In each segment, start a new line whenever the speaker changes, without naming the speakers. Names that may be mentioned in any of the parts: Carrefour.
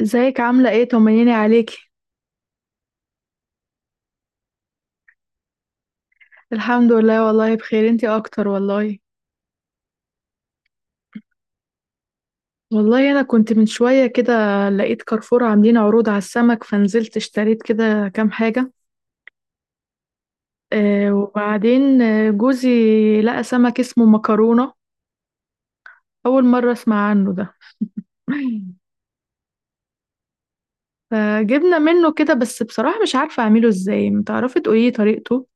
ازيك؟ عاملة ايه؟ طمنيني عليكي. الحمد لله والله بخير. انتي اكتر والله. والله انا كنت من شوية كده لقيت كارفور عاملين عروض على السمك، فنزلت اشتريت كده كام حاجة. آه وبعدين آه، جوزي لقى سمك اسمه مكرونة. اول مرة اسمع عنه ده. فجبنا منه كده، بس بصراحة مش عارفة اعمله ازاي. متعرفي تقولي طريقته؟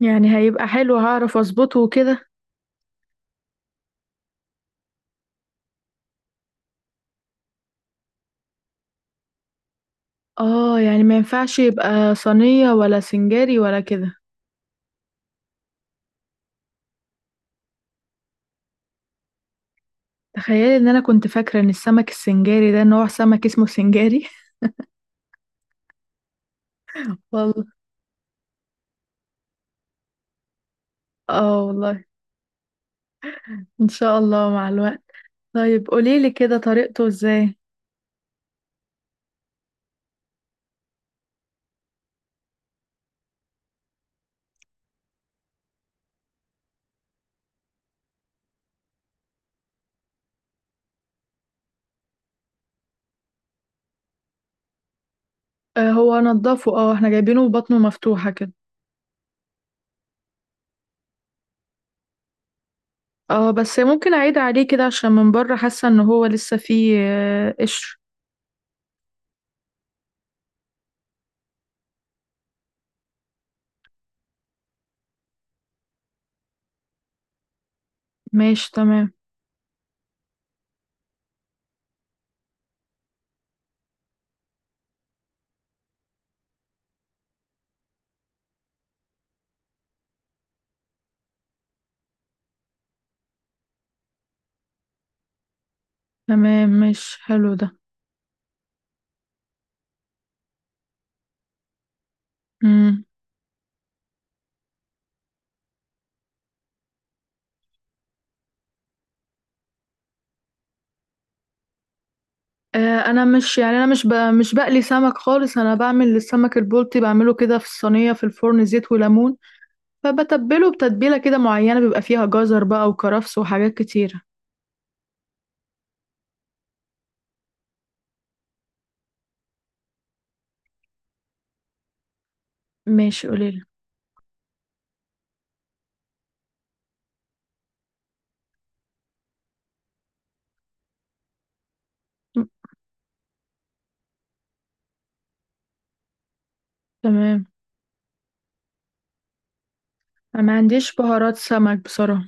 يعني هيبقى حلو؟ هعرف اظبطه وكده؟ اه، يعني ما ينفعش يبقى صينية ولا سنجاري ولا كده؟ تخيلي ان انا كنت فاكره ان السمك السنجاري ده نوع سمك اسمه سنجاري. والله. اه والله. ان شاء الله مع الوقت. طيب قوليلي كده طريقته ازاي. آه، هو نضفه. اه احنا جايبينه بطنه مفتوحه كده. اه بس ممكن اعيد عليه كده عشان من بره حاسه ان هو لسه فيه قشر. ماشي تمام. تمام، مش حلو ده. امم آه، انا مش يعني انا مش مش بقلي سمك خالص. انا بعمل السمك البلطي، بعمله كده في الصينيه في الفرن زيت وليمون. فبتبله بتتبيلة كده معينة بيبقى فيها جزر بقى وكرفس وحاجات كتيرة. ماشي قليلة. م- تمام. أنا ما عنديش بهارات سمك بصراحة.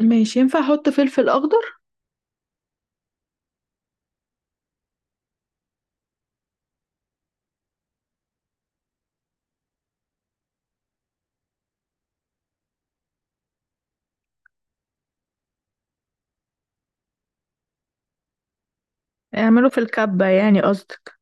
ماشي، ينفع أحط فلفل أخضر؟ اعمله في الكبة يعني قصدك؟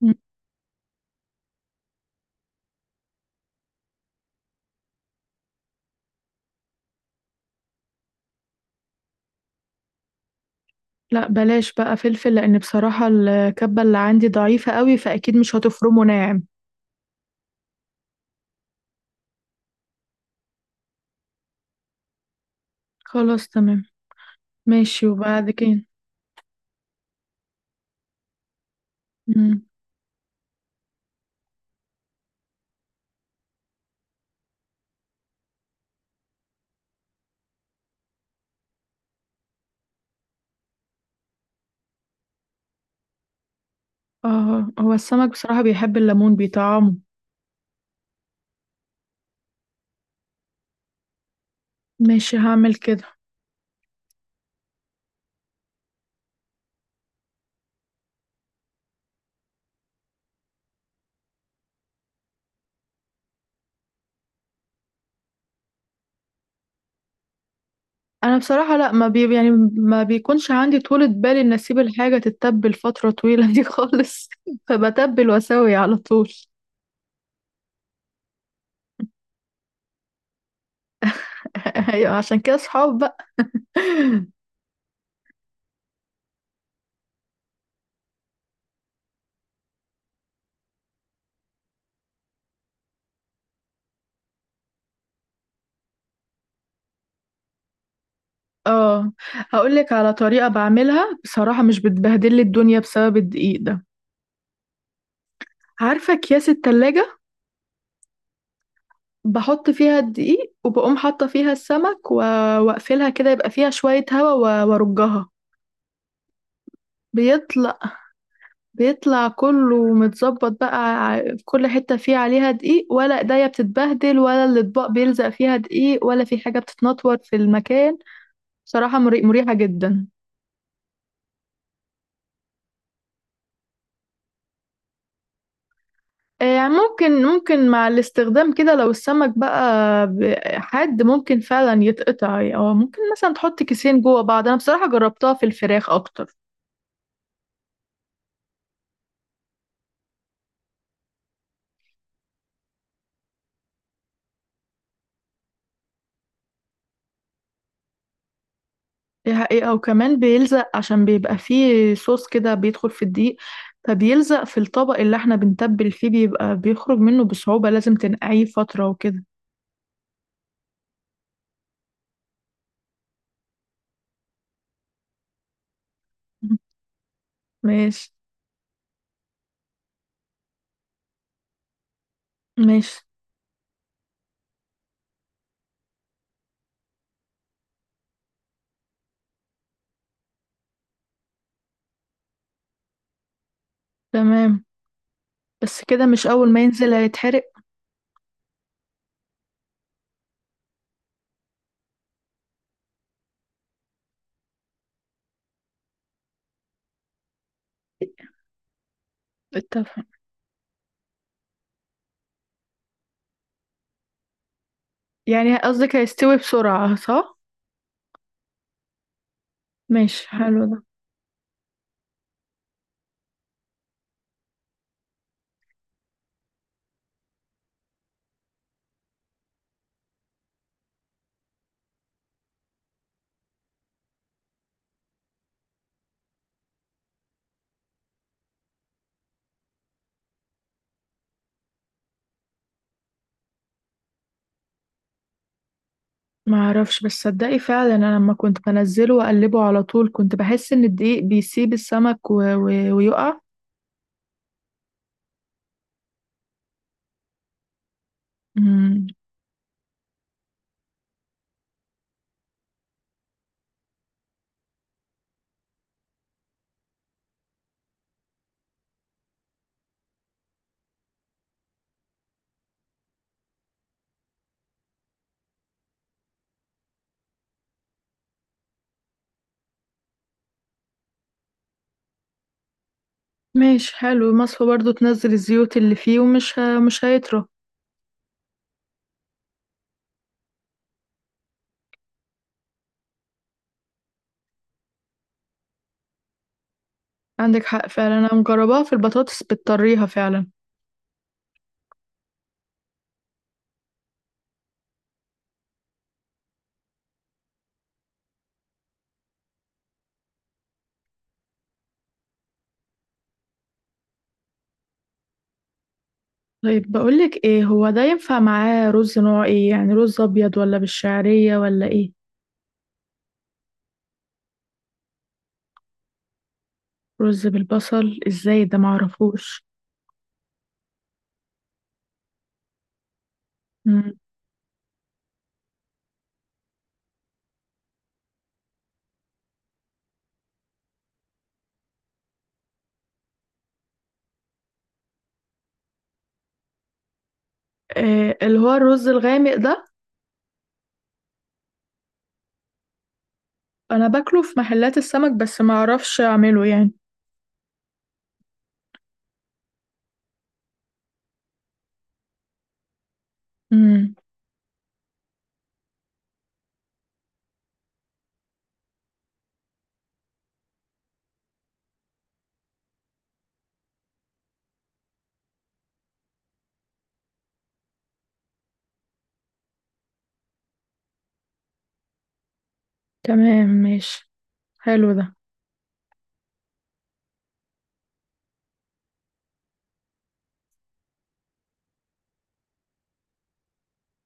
م. لا بلاش بقى فلفل، لأن بصراحة الكبة اللي عندي ضعيفة قوي، فأكيد مش هتفرمه ناعم. خلاص تمام. ماشي وبعد كده. م. اه، هو السمك بصراحة بيحب الليمون، بيطعمه. ماشي هعمل كده. انا بصراحه لا، ما بي يعني ما بيكونش عندي طولة بال ان اسيب الحاجه تتبل فتره طويله دي خالص. فبتبل واسوي على طول. ايوه، عشان كده صحاب بقى. اه، هقول لك على طريقه بعملها بصراحه مش بتبهدل لي الدنيا بسبب الدقيق ده. عارفه اكياس التلاجة؟ بحط فيها الدقيق وبقوم حاطه فيها السمك واقفلها كده يبقى فيها شويه هوا وارجها. بيطلع بيطلع كله متظبط بقى. في كل حتة فيه عليها دقيق، ولا ايديا بتتبهدل، ولا الأطباق بيلزق فيها دقيق، ولا في حاجة بتتنطور في المكان. بصراحة مريحة جدا. يعني ممكن، مع الاستخدام كده، لو السمك بقى حاد ممكن فعلا يتقطع، او ممكن مثلا تحط كيسين جوه بعض. انا بصراحة جربتها في الفراخ اكتر. دي حقيقة، وكمان بيلزق عشان بيبقى فيه صوص كده بيدخل في الدقيق، فبيلزق في الطبق اللي احنا بنتبل فيه، بيبقى بيخرج منه بصعوبة، لازم تنقعيه فترة وكده. ماشي. ماشي تمام. بس كده مش أول ما ينزل هيتحرق؟ اتفق. يعني قصدك هيستوي بسرعة، صح؟ ماشي حلو ده. معرفش، بس صدقي فعلا أنا لما كنت بنزله وأقلبه على طول كنت بحس إن الدقيق بيسيب السمك ويقع. مم. ماشي حلو، مصفى برضو تنزل الزيوت اللي فيه ومش مش هيطرى. عندك حق فعلا، انا مجرباها في البطاطس بتطريها فعلا. طيب بقولك ايه، هو ده ينفع معاه رز نوع ايه؟ يعني رز ابيض ولا بالشعرية ولا ايه؟ رز بالبصل ازاي؟ ده معرفوش. مم. إيه اللي هو الرز الغامق ده؟ انا باكله في محلات السمك بس معرفش اعمله يعني. مم. تمام ماشي. حلو ده.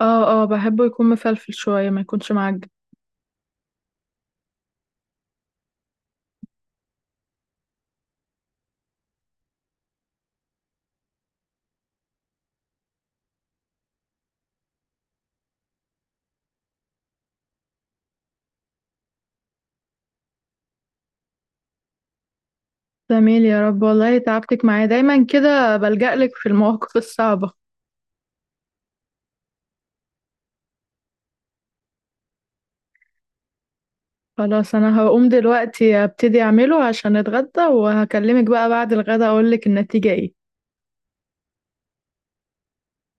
اه اه، بحبه يكون مفلفل شوية ما يكونش معجن. جميل، يا رب. والله تعبتك معايا، دايما كده بلجأ لك في المواقف الصعبة. خلاص انا هقوم دلوقتي ابتدي اعمله عشان اتغدى، وهكلمك بقى بعد الغدا اقول لك النتيجة ايه.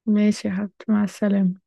ماشي يا حبيبتي، مع السلامة.